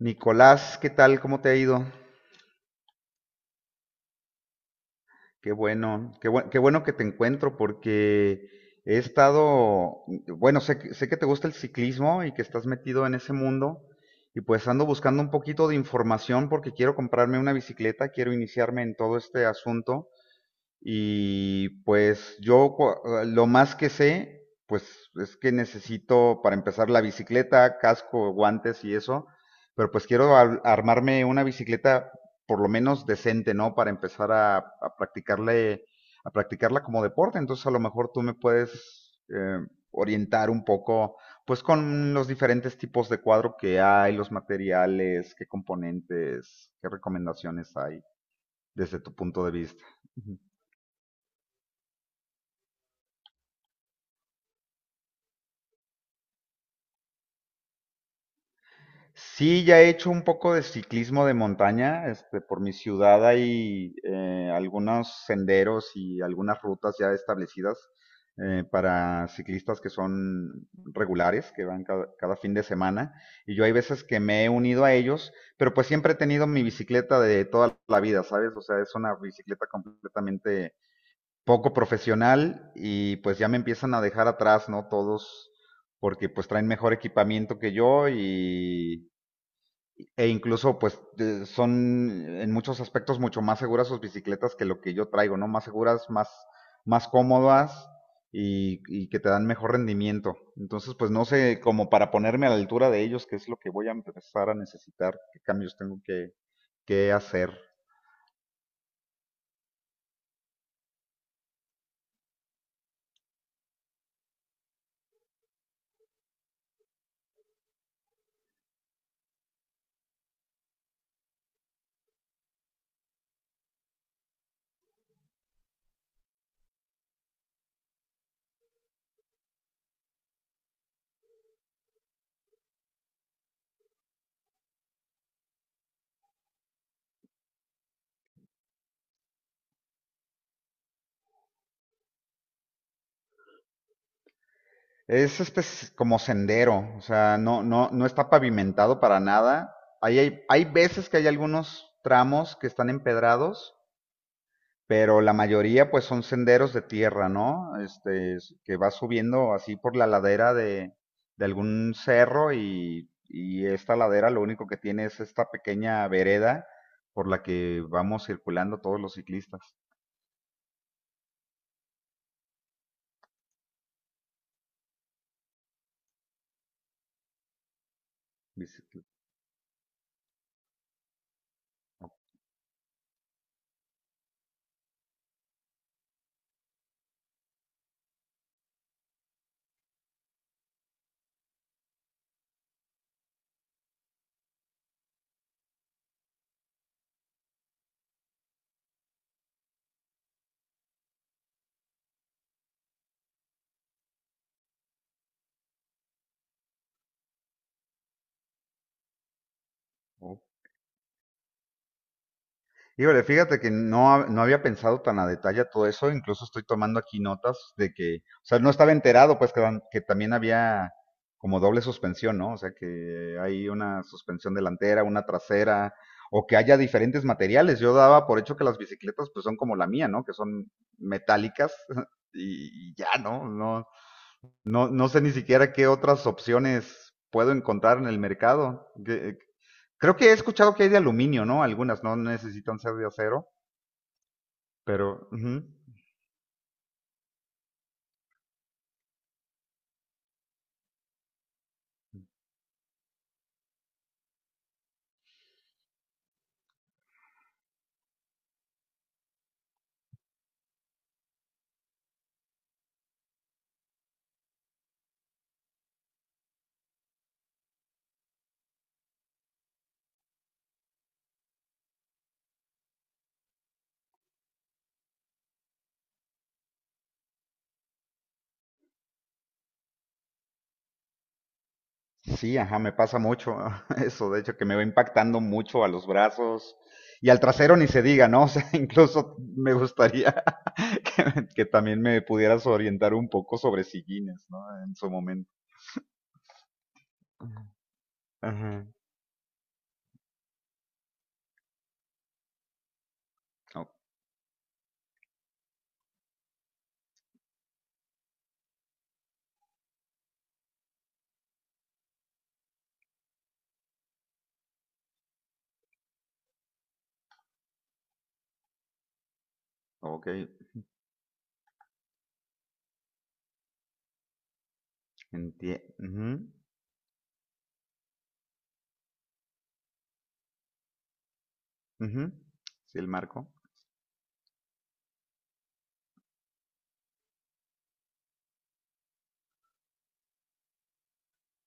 Nicolás, ¿qué tal? ¿Cómo te ha ido? Qué bueno, qué bueno que te encuentro porque he estado, bueno, sé que te gusta el ciclismo y que estás metido en ese mundo, y pues ando buscando un poquito de información porque quiero comprarme una bicicleta, quiero iniciarme en todo este asunto. Y pues lo más que sé, pues es que necesito para empezar la bicicleta, casco, guantes y eso, pero pues quiero armarme una bicicleta por lo menos decente, ¿no? Para empezar a practicarle, a practicarla como deporte. Entonces a lo mejor tú me puedes orientar un poco, pues con los diferentes tipos de cuadro que hay, los materiales, qué componentes, qué recomendaciones hay desde tu punto de vista. Sí, ya he hecho un poco de ciclismo de montaña. Este, por mi ciudad hay algunos senderos y algunas rutas ya establecidas para ciclistas que son regulares, que van cada fin de semana. Y yo hay veces que me he unido a ellos, pero pues siempre he tenido mi bicicleta de toda la vida, ¿sabes? O sea, es una bicicleta completamente poco profesional y pues ya me empiezan a dejar atrás, ¿no? Todos, porque pues traen mejor equipamiento que yo e incluso, pues, son en muchos aspectos mucho más seguras sus bicicletas que lo que yo traigo, ¿no? Más seguras, más, más cómodas y que te dan mejor rendimiento. Entonces, pues no sé, como para ponerme a la altura de ellos, qué es lo que voy a empezar a necesitar, qué cambios que hacer. Es como sendero, o sea, no está pavimentado para nada. Ahí hay veces que hay algunos tramos que están empedrados, pero la mayoría pues son senderos de tierra, ¿no? Este, que va subiendo así por de algún cerro y esta ladera lo único que tiene es esta pequeña vereda por la que vamos circulando todos los ciclistas. Bicicl- ¿No? Híjole, fíjate que no había pensado tan a detalle todo eso, incluso estoy tomando aquí notas de que, o sea, no estaba enterado, pues que también había como doble suspensión, ¿no? O sea, que hay una suspensión delantera, una trasera, o que haya diferentes materiales. Yo daba por hecho que las bicicletas pues son como la mía, ¿no? Que son metálicas y ya, ¿no? No sé ni siquiera qué otras opciones puedo encontrar en el mercado. Creo que he escuchado que hay de aluminio, ¿no? Algunas no necesitan ser de acero, pero ujú. Sí, ajá, me pasa mucho eso, de hecho, que me va impactando mucho a los brazos y al trasero ni se diga, ¿no? O sea, incluso me gustaría que también me pudieras orientar un poco sobre sillines, ¿no? En su momento. Ajá. O- ok, entiendo. Sí, el marco.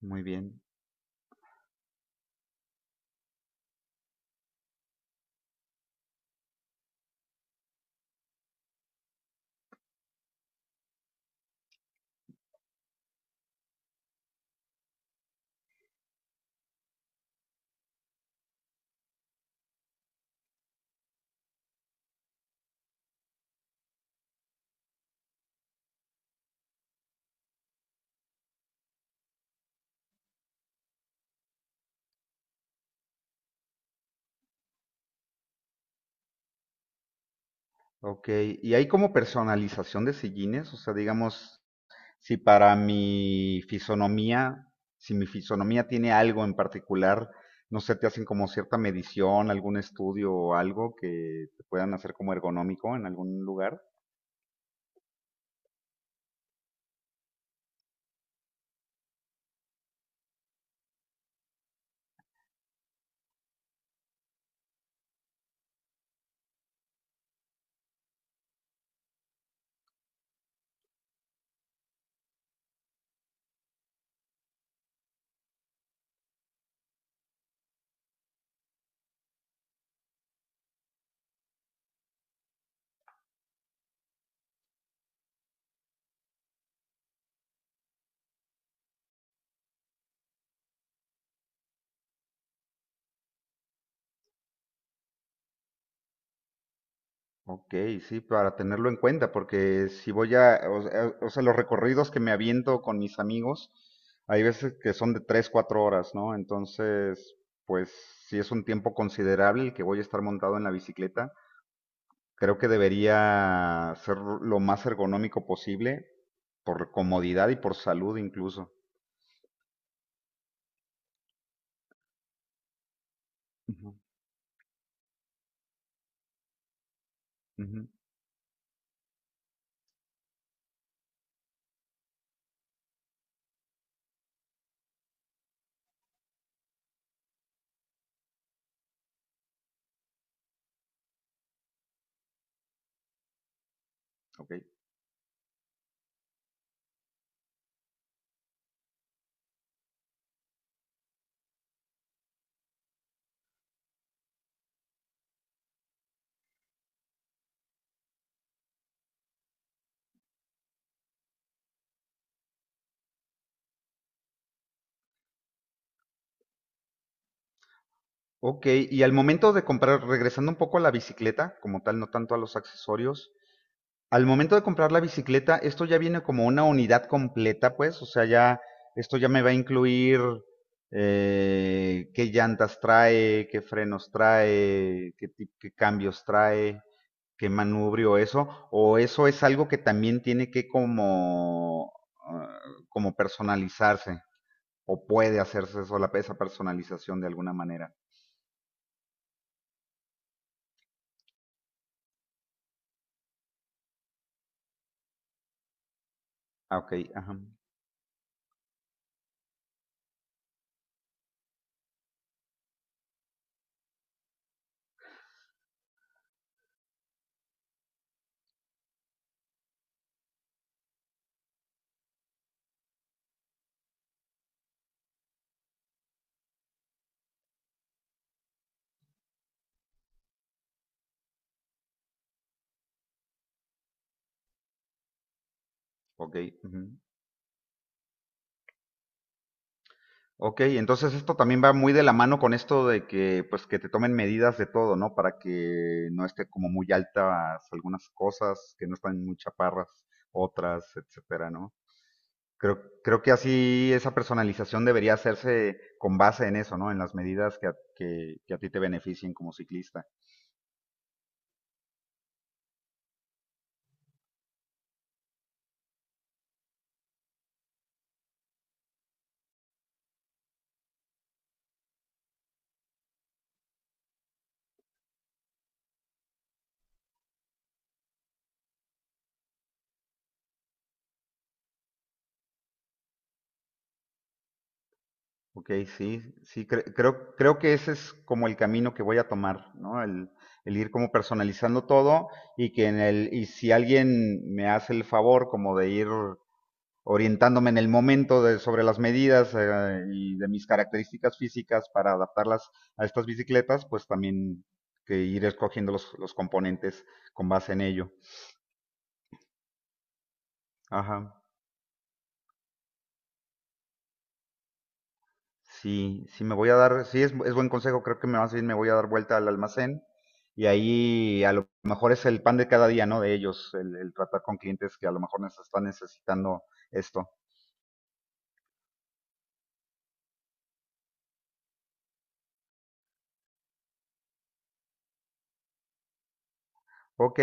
Muy bien. Ok, y hay como personalización de sillines, o sea, digamos, si para mi fisonomía, si mi fisonomía tiene algo en particular, no sé, te hacen como cierta medición, algún estudio o algo que te puedan hacer como ergonómico en algún lugar. Ok, sí, para tenerlo en cuenta, porque si voy o sea, los recorridos que me aviento con mis amigos, hay veces que son de 3, 4 horas, ¿no? Entonces, pues sí es un tiempo considerable el que voy a estar montado en la bicicleta. Creo que debería ser lo más ergonómico posible por comodidad y por salud incluso. Ujú, ujú. Ok. Ok, y al momento de comprar, regresando un poco a la bicicleta, como tal, no tanto a los accesorios, al momento de comprar la bicicleta, esto ya viene como una unidad completa, pues, o sea, ya, esto ya me va a incluir qué llantas trae, qué frenos trae, qué cambios trae. Qué manubrio eso. O eso es algo que también tiene que como, ah, como personalizarse. O puede hacerse eso, esa personalización de alguna manera. Ah, ok, ajá. Ok, ujú. Ok, entonces esto también va muy de la mano con esto de que, pues, que te tomen medidas de todo, ¿no? Para que no esté como muy altas algunas cosas, que no están muy chaparras otras, etcétera, ¿no? Creo, creo que así esa personalización debería hacerse con base en eso, ¿no? En las medidas que a ti te beneficien como ciclista. Ok, sí, sí, creo que ese es como el camino que voy a tomar, ¿no? El ir como personalizando todo y que y si alguien me hace el favor como de ir orientándome en el momento de, sobre las medidas y de mis características físicas para adaptarlas a estas bicicletas, pues también que ir escogiendo los componentes con base en ello. Ajá. Sí, sí me voy a dar, sí es buen consejo, creo que me más bien me voy a dar vuelta al almacén y ahí a lo mejor es el pan de cada día, ¿no? De ellos, el tratar con clientes que a lo mejor nos están necesitando esto. Ok,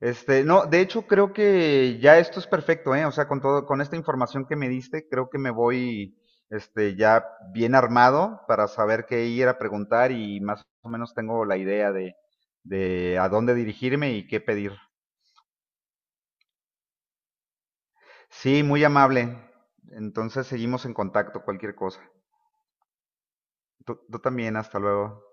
este, no, de hecho creo que ya esto es perfecto, ¿eh? O sea, con todo, con esta información que me diste, creo que me voy, este, ya bien armado para saber qué ir a preguntar y más o menos tengo la idea de a dónde dirigirme y qué pedir. Sí, muy amable. Entonces seguimos en contacto, cualquier cosa. Tú también, hasta luego.